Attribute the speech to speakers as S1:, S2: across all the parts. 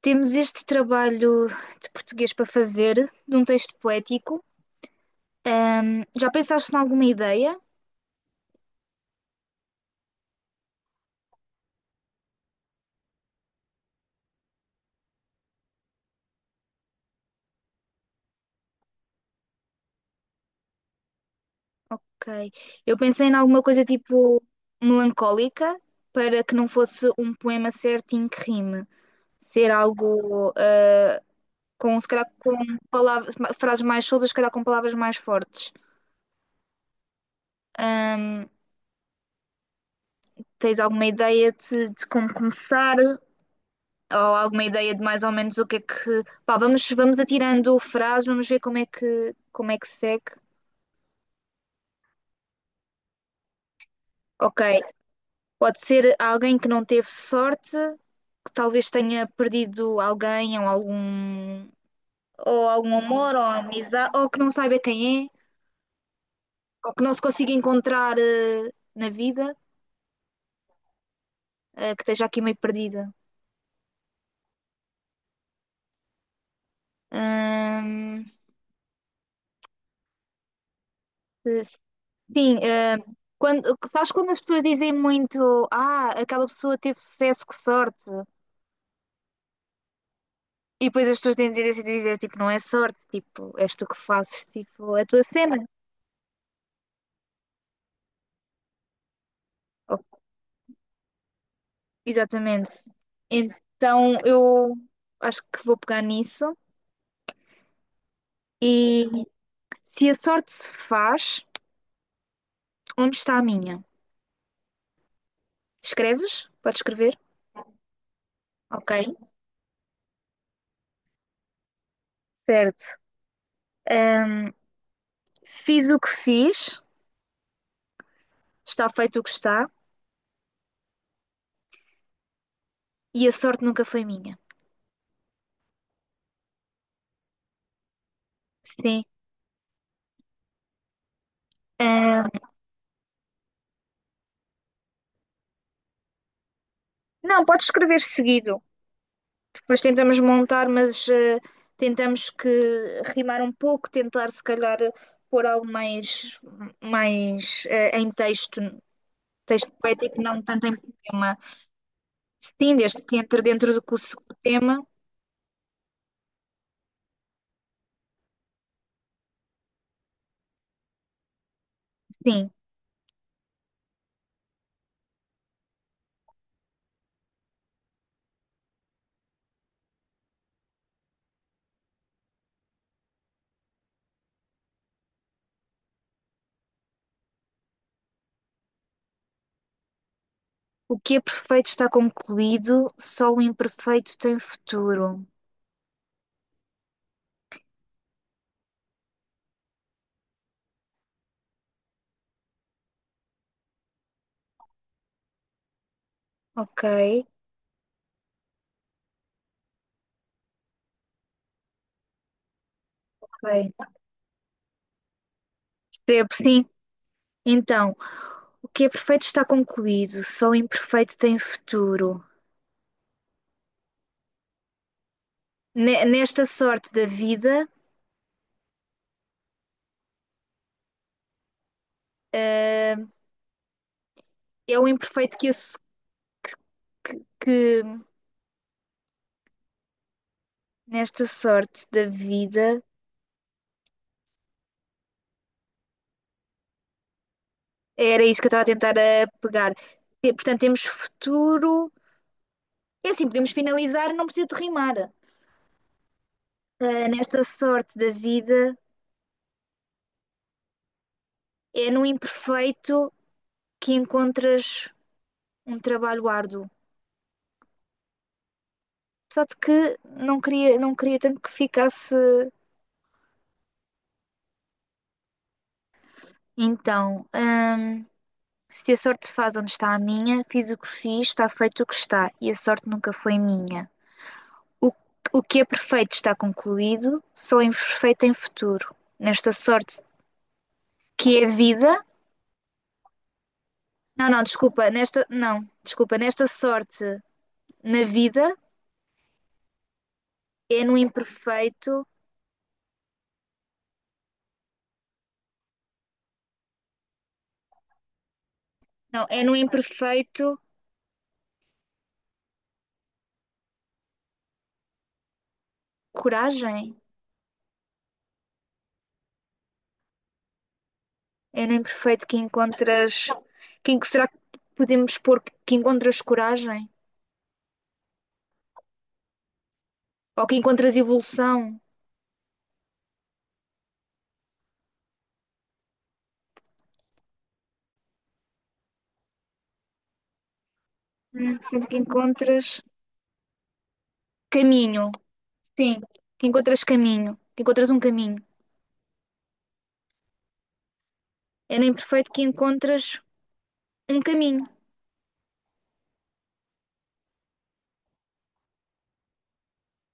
S1: Temos este trabalho de português para fazer, de um texto poético. Já pensaste em alguma ideia? Ok. Eu pensei em alguma coisa tipo melancólica, para que não fosse um poema certinho que rime. Ser algo com, se calhar, com palavras, frases mais soltas, se calhar com palavras mais fortes. Ahm, Tens alguma ideia de como começar? Ou alguma ideia de mais ou menos o que é que. Pá, vamos atirando frases, vamos ver como é que como é que segue. Ok, pode ser alguém que não teve sorte, que talvez tenha perdido alguém ou ou algum amor ou amizade, ou que não saiba quem é, ou que não se consiga encontrar na vida, que esteja aqui meio perdida. Hum, se- sim, quando, sabes quando as pessoas dizem muito, ah, aquela pessoa teve sucesso, que sorte. E depois as pessoas têm tendência a dizer, tipo, não é sorte, tipo, és tu que fazes, tipo, a tua cena. Oh, exatamente. Então eu acho que vou pegar nisso. E se a sorte se faz, onde está a minha? Escreves? Podes escrever? Ok, certo. Fiz o que fiz, está feito o que está, e a sorte nunca foi minha. Sim. Ah, não, pode escrever seguido. Depois tentamos montar, mas tentamos que rimar um pouco, tentar se calhar pôr algo mais, mais em texto, texto poético, não tanto em poema. Sim, desde que entre dentro do curso o tema, sim. O que é perfeito está concluído, só o imperfeito tem futuro. Ok, ok. Percebo, sim. Então, o que é perfeito está concluído, só o imperfeito tem futuro. Nesta sorte da vida, é o imperfeito que nesta sorte da vida era isso que eu estava a tentar a pegar. E, portanto, temos futuro. É assim, podemos finalizar, não precisa de rimar. Ah, nesta sorte da vida, é no imperfeito que encontras um trabalho árduo. Apesar de que não queria tanto que ficasse. Então, se a sorte faz onde está a minha, fiz o que fiz, está feito o que está, e a sorte nunca foi minha. O, o que é perfeito está concluído, só é imperfeito em futuro. Nesta sorte que é vida. Não, não, desculpa, nesta. Não, desculpa, nesta sorte na vida é no imperfeito. Não, é no imperfeito coragem. É no imperfeito que encontras. Quem que será que podemos pôr que encontras coragem? Ou que encontras evolução? Portanto, que encontras caminho. Sim, que encontras caminho. Que encontras um caminho. É no imperfeito que encontras um caminho.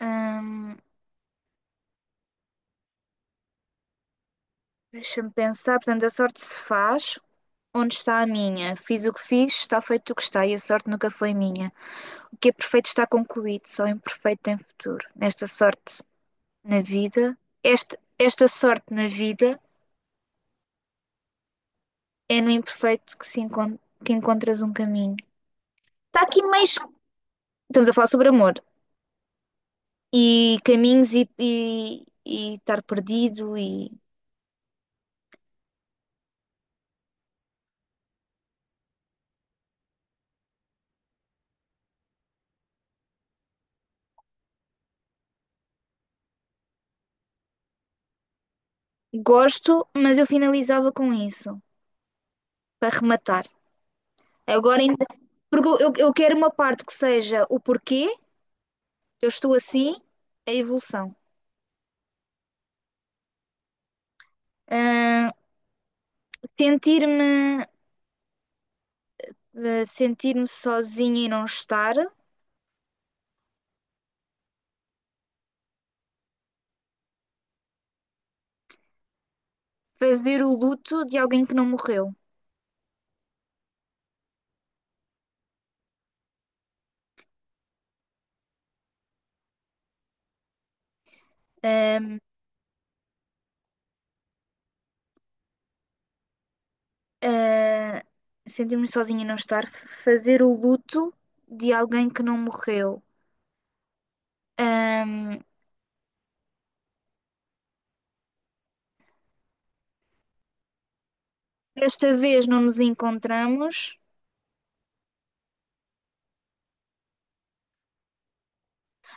S1: Hum, deixa-me pensar, portanto, a sorte se faz. Onde está a minha? Fiz o que fiz, está feito o que está, e a sorte nunca foi minha. O que é perfeito está concluído, só o imperfeito tem futuro. Nesta sorte na vida, esta sorte na vida é no imperfeito que, se encon- que encontras um caminho. Está aqui mais. Estamos a falar sobre amor e caminhos e estar perdido e gosto, mas eu finalizava com isso para rematar. Agora, porque eu quero uma parte que seja o porquê eu estou assim, a evolução. Ah, sentir-me, ah, sentir-me sozinha e não estar, fazer o luto de alguém que não morreu. Ah, ah, sentir-me sozinha e não estar, fazer o luto de alguém que não morreu. Ah, desta vez não nos encontramos.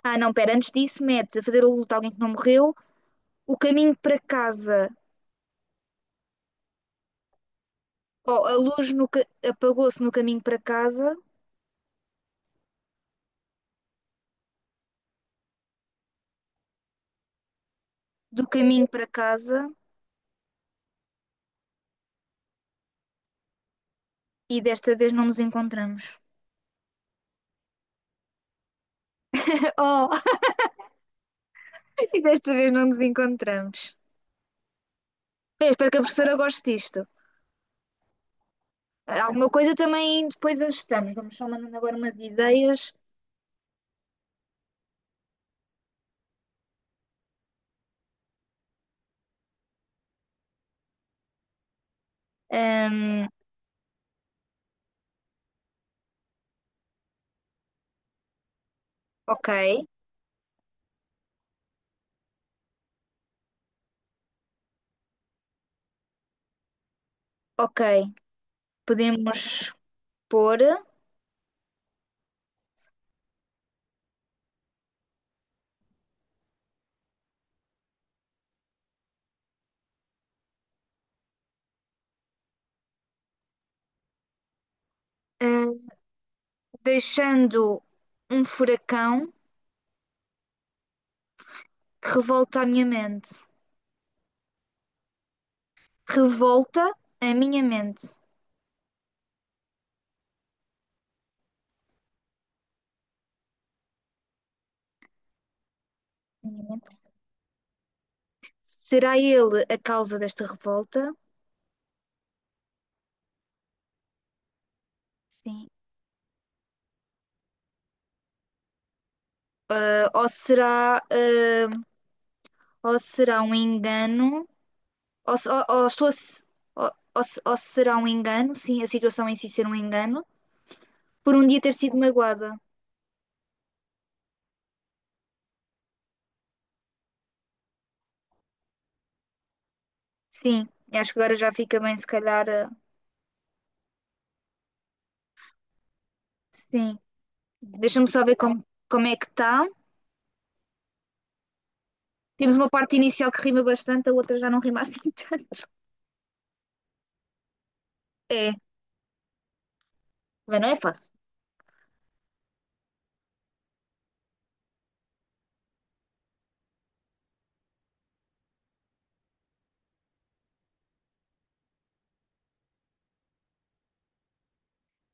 S1: Ah, não, pera, antes disso, mete fazer o luto de alguém que não morreu, o caminho para casa. Oh, a luz apagou-se no caminho para casa, do caminho para casa, e desta vez não nos encontramos. Oh, e desta vez não nos encontramos. Bem, eu espero que a professora goste disto. Alguma coisa também depois ajustamos. Vamos só mandando agora umas ideias. Ahm, ok, ok. Podemos pôr, ah, deixando um furacão que revolta a minha mente. Revolta a minha mente? Será ele a causa desta revolta? Sim. Ah, ou será um engano? Ou, se- ou estou a se- ou- ou se- ou será um engano? Sim, a situação em si ser um engano. Por um dia ter sido magoada. Sim, acho que agora já fica bem, se calhar. Ah, sim. Deixa-me só ver como é que está. Temos uma parte inicial que rima bastante, a outra já não rima assim tanto. É, também não é fácil.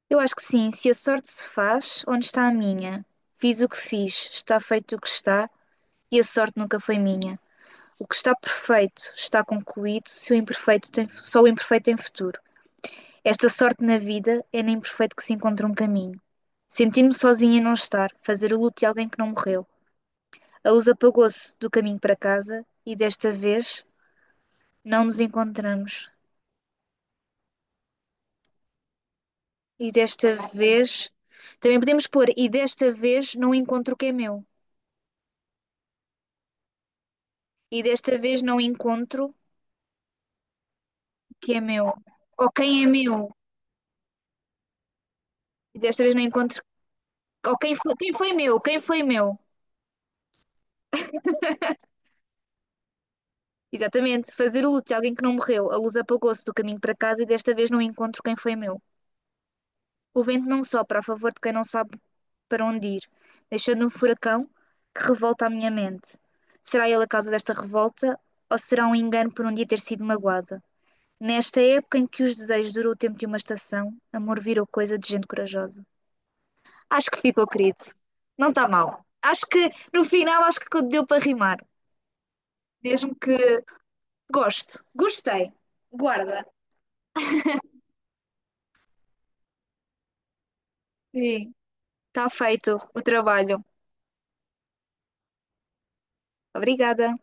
S1: Eu acho que sim, se a sorte se faz, onde está a minha? Fiz o que fiz, está feito o que está, e a sorte nunca foi minha. O que está perfeito está concluído, se o imperfeito tem, só o imperfeito tem futuro. Esta sorte na vida é no imperfeito que se encontra um caminho. Sentir-me sozinha e não estar, fazer o luto de alguém que não morreu. A luz apagou-se do caminho para casa, e desta vez não nos encontramos. E desta vez. Também podemos pôr, e desta vez não encontro o que é meu. E desta vez não encontro o que é meu. Ou quem é meu. E desta vez não encontro. Ou quem foi quem foi meu. Exatamente, fazer o luto de alguém que não morreu. A luz apagou-se do caminho para casa e desta vez não encontro quem foi meu. O vento não sopra a favor de quem não sabe para onde ir, deixando um furacão que revolta a minha mente. Será ele a causa desta revolta ou será um engano por um dia ter sido magoada? Nesta época em que os desejos durou o tempo de uma estação, amor virou coisa de gente corajosa. Acho que ficou, querido. Não está mal. Acho que No final acho que deu para rimar. Mesmo que gosto. Gostei. Guarda. Sim, está feito o trabalho. Obrigada.